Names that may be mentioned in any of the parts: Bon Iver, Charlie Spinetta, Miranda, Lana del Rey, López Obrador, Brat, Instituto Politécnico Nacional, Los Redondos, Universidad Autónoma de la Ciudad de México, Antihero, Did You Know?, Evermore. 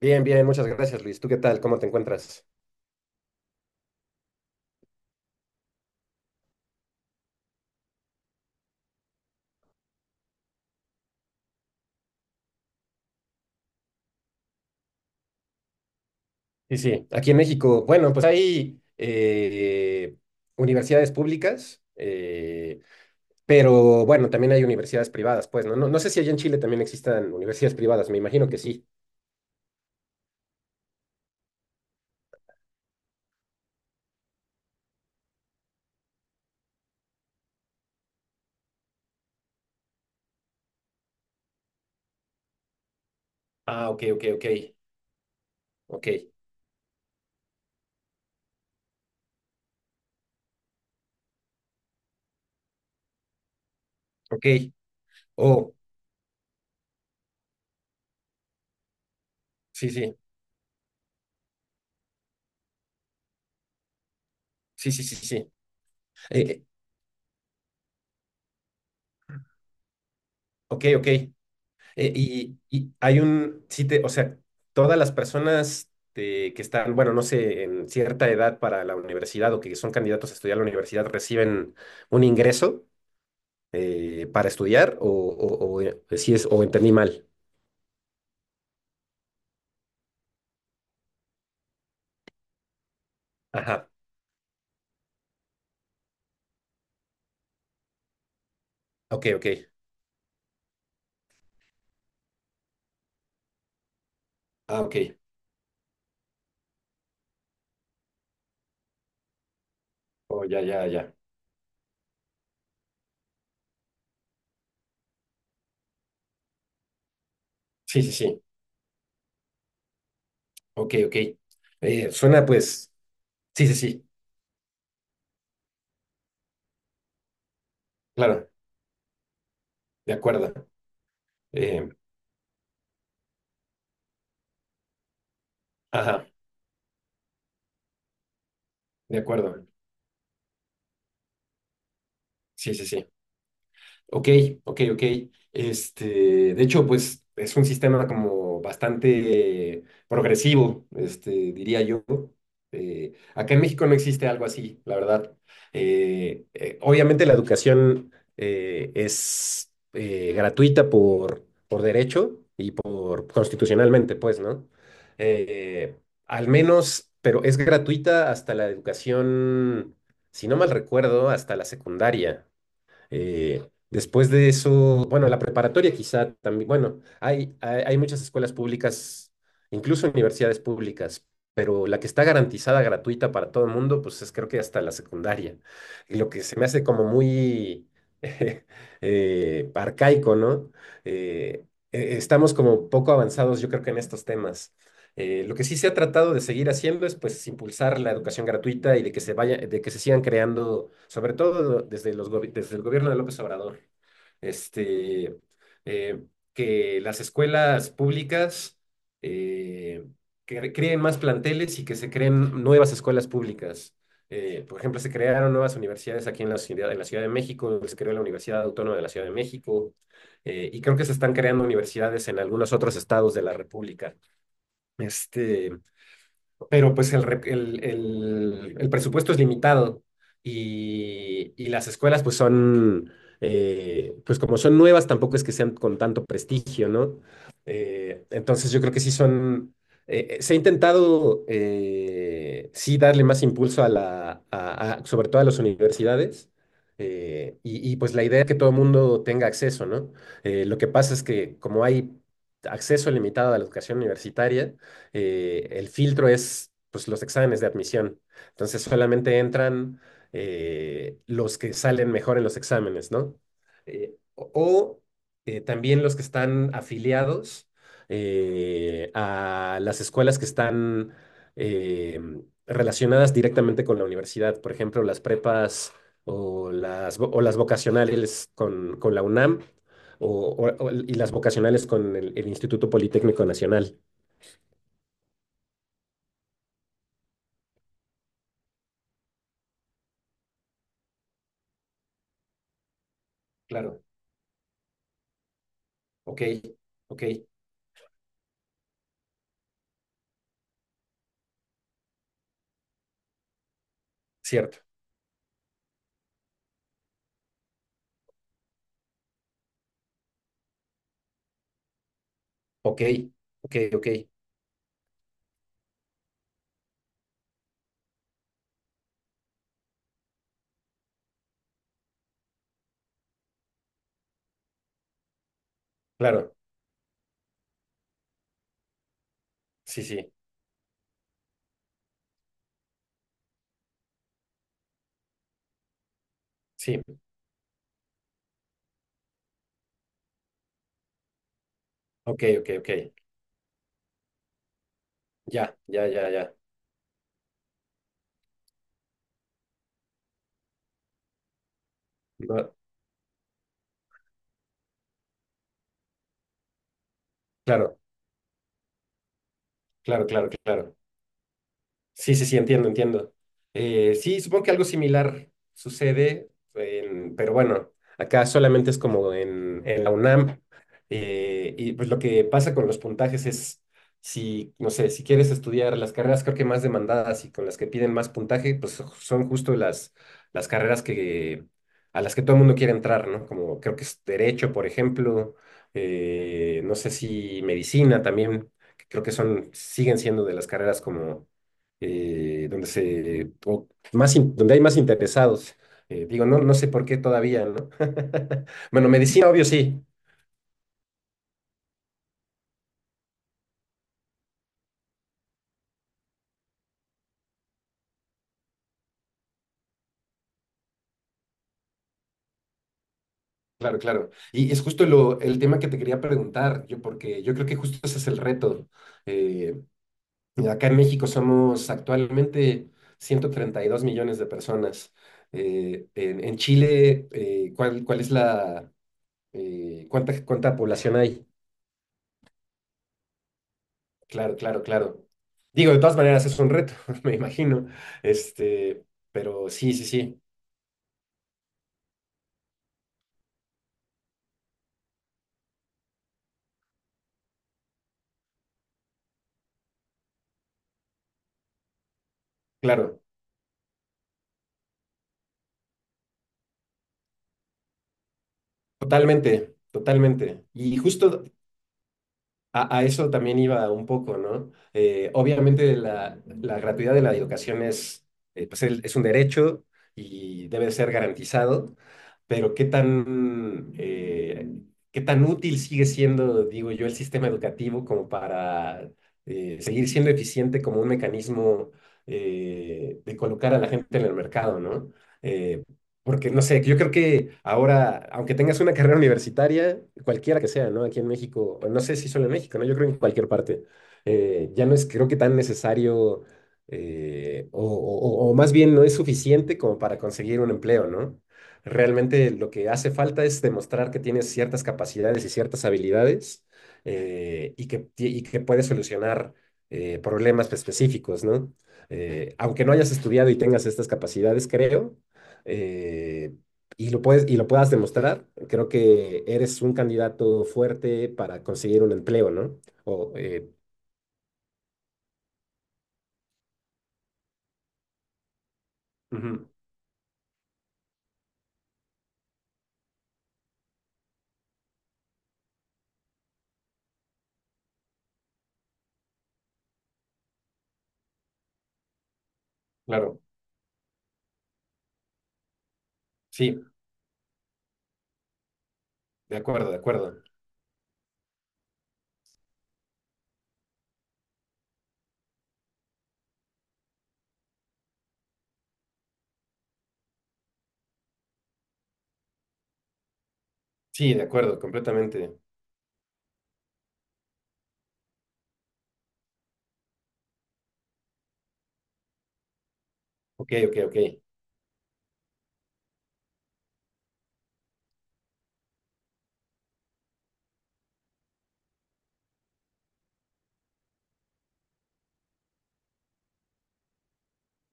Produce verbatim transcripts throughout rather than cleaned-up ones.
Bien, bien, muchas gracias, Luis. ¿Tú qué tal? ¿Cómo te encuentras? Sí, sí, aquí en México, bueno, pues hay eh, universidades públicas, eh, pero bueno, también hay universidades privadas, pues, ¿no? No, no sé si allá en Chile también existan universidades privadas, me imagino que sí. Ah, ok, ok, ok, ok, ok. Oh, sí, sí, sí, sí, sí, sí. Eh, ok, ok. Eh, y, y hay un, sí te, o sea, todas las personas de- que están, bueno, no sé, en cierta edad para la universidad o que son candidatos a estudiar la universidad reciben un ingreso eh, para estudiar o, o, o, eh, si es, o entendí mal. Ajá, ok, ok. Ah, ok. Oh, ya, ya, ya. Sí, sí, sí. Ok, ok. Eh, suena pues. Sí, sí, sí, claro, de acuerdo. Eh, ajá, de acuerdo. Sí, sí, sí. Ok, ok, ok. Este, de hecho, pues es un sistema como bastante progresivo, este, diría yo. Eh, acá en México no existe algo así, la verdad. Eh, eh, obviamente la educación eh, es eh, gratuita por, por derecho y por constitucionalmente, pues, ¿no? Eh, al menos, pero es gratuita hasta la educación, si no mal recuerdo, hasta la secundaria. Eh, después de eso, bueno, la preparatoria quizá también, bueno, hay, hay, hay muchas escuelas públicas, incluso universidades públicas, pero la que está garantizada gratuita para todo el mundo, pues es creo que hasta la secundaria. Y lo que se me hace como muy eh, arcaico, ¿no? Eh, eh, estamos como poco avanzados, yo creo que en estos temas. Eh, lo que sí se ha tratado de seguir haciendo es pues impulsar la educación gratuita y de que se vaya, de que se sigan creando, sobre todo desde los gobi- desde el gobierno de López Obrador, este, eh, que las escuelas públicas eh, que creen más planteles y que se creen nuevas escuelas públicas. Eh, por ejemplo, se crearon nuevas universidades aquí en la ciudad, en la Ciudad de México, se creó la Universidad Autónoma de la Ciudad de México, eh, y creo que se están creando universidades en algunos otros estados de la República. Este, pero pues el, re- el, el- el presupuesto es limitado y, y las escuelas pues son, eh, pues como son nuevas, tampoco es que sean con tanto prestigio, ¿no? Eh, entonces yo creo que sí son, eh, eh, se ha intentado eh, sí darle más impulso a la, a- a- sobre todo a las universidades. eh, y, y, pues la idea es que todo el mundo tenga acceso, ¿no? Eh, lo que pasa es que como hay acceso limitado a la educación universitaria, eh, el filtro es, pues, los exámenes de admisión. Entonces solamente entran eh, los que salen mejor en los exámenes, ¿no? Eh, o o, eh, también los que están afiliados eh, a las escuelas que están eh, relacionadas directamente con la universidad, por ejemplo, las prepas o las, vo- o las vocacionales con, con la UNAM o, o- o- y las vocacionales con el el Instituto Politécnico Nacional. Claro. Ok, ok, cierto. Ok, ok, ok. Claro, sí, sí, sí. Ok, ok, ok. Ya, ya, ya, ya. Va- Claro, claro, claro, claro. Sí, sí, sí, entiendo, entiendo. Eh, sí, supongo que algo similar sucede, en- pero bueno, acá solamente es como en, en la UNAM. eh, y pues lo que pasa con los puntajes es, si, no sé, si quieres estudiar las carreras creo que más demandadas y con las que piden más puntaje, pues son justo las, las carreras que, a las que todo el mundo quiere entrar, ¿no? Como creo que es derecho, por ejemplo, eh, no sé si medicina también, que creo que son, siguen siendo de las carreras como eh, donde se, o más in- donde hay más interesados. Eh, digo, no, no sé por qué todavía, ¿no? Bueno, medicina, obvio, sí. Claro, claro. Y es justo lo, el tema que te quería preguntar, yo, porque yo creo que justo ese es el reto. Eh, acá en México somos actualmente ciento treinta y dos millones de personas. Eh, en, en Chile, eh, ¿cuál, cuál es la, eh, cuánta, cuánta población hay? Claro, claro, claro. Digo, de todas maneras es un reto, me imagino. Este, pero sí, sí, sí, claro, totalmente, totalmente. Y justo A, a eso también iba un poco, ¿no? Eh, obviamente la, la gratuidad de la educación es, eh, pues el- es un derecho y debe ser garantizado, pero ¿qué tan, eh, qué tan útil sigue siendo, digo yo, el sistema educativo como para eh, seguir siendo eficiente como un mecanismo eh, de colocar a la gente en el mercado, ¿no? Eh, porque, no sé, yo creo que ahora, aunque tengas una carrera universitaria, cualquiera que sea, ¿no? Aquí en México, o no sé si solo en México, ¿no? Yo creo que en cualquier parte, eh, ya no es, creo que, tan necesario, eh, o, o- o- o más bien no es suficiente como para conseguir un empleo, ¿no? Realmente lo que hace falta es demostrar que tienes ciertas capacidades y ciertas habilidades, eh, y que, ti- y que puedes solucionar eh, problemas específicos, ¿no? Eh, aunque no hayas estudiado y tengas estas capacidades, creo, eh, y lo puedes, y lo puedas demostrar, creo que eres un candidato fuerte para conseguir un empleo, ¿no? O, eh, Ujú, claro, sí, de acuerdo, de acuerdo. Sí, de acuerdo, completamente. Ok, ok, ok.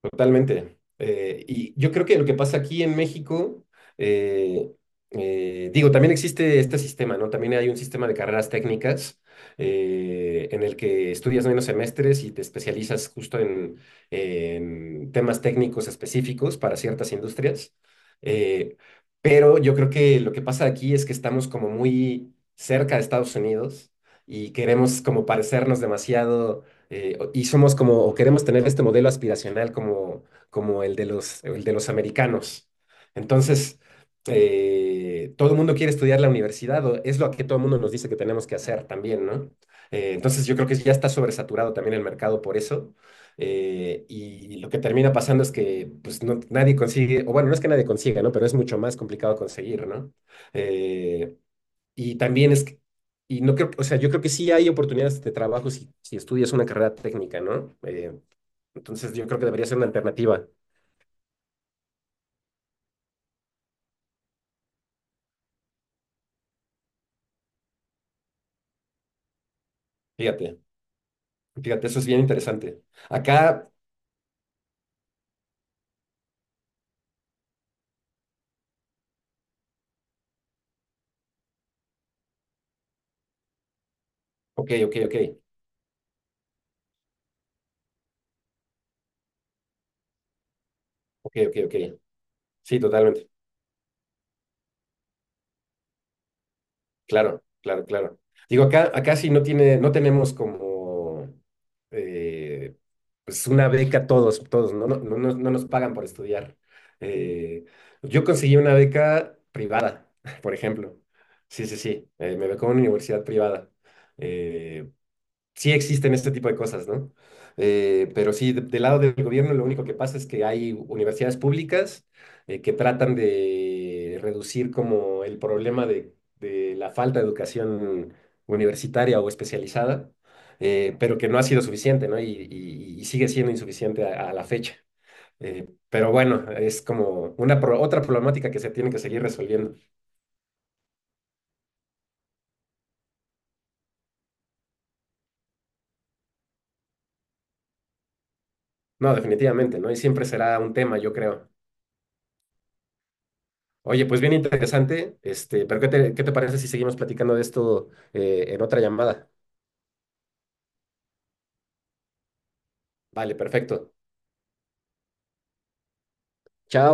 Totalmente. Eh, y yo creo que lo que pasa aquí en México, eh, eh, digo, también existe este sistema, ¿no? También hay un sistema de carreras técnicas eh, en el que estudias menos semestres y te especializas justo en, en temas técnicos específicos para ciertas industrias. Eh, pero yo creo que lo que pasa aquí es que estamos como muy cerca de Estados Unidos y queremos como parecernos demasiado eh, o- y somos como, o queremos tener este modelo aspiracional como, como el de los, el de los americanos. Entonces, eh, todo el mundo quiere estudiar la universidad, o es lo que todo el mundo nos dice que tenemos que hacer también, ¿no? Eh, entonces, yo creo que ya está sobresaturado también el mercado por eso. eh, y lo que termina pasando es que, pues, no- nadie consigue, o bueno, no es que nadie consiga, ¿no? Pero es mucho más complicado conseguir, ¿no? Eh, y también es, que- y no creo, o sea, yo creo que sí hay oportunidades de trabajo si, si estudias una carrera técnica, ¿no? Eh, entonces yo creo que debería ser una alternativa. Fíjate, fíjate, eso es bien interesante. Acá, ok, ok, ok, ok, ok, ok. Sí, totalmente. Claro, claro, claro. Digo, acá, acá sí no tiene, no tenemos como eh, pues una beca todos, todos, no, no, no, nos no nos pagan por estudiar. Eh, yo conseguí una beca privada, por ejemplo. Sí, sí, sí. eh, me becó en una universidad privada. Eh, sí existen este tipo de cosas, ¿no? Eh, pero sí, de- del lado del gobierno lo único que pasa es que hay universidades públicas eh, que tratan de reducir como el problema de, de la falta de educación universitaria o especializada, eh, pero que no ha sido suficiente, ¿no? Y, y- y sigue siendo insuficiente a, a la fecha. Eh, pero bueno, es como una pro- otra problemática que se tiene que seguir resolviendo. No, definitivamente, ¿no? Y siempre será un tema, yo creo. Oye, pues bien interesante, este, pero ¿qué te, qué te parece si seguimos platicando de esto eh, en otra llamada? Vale, perfecto. Chao.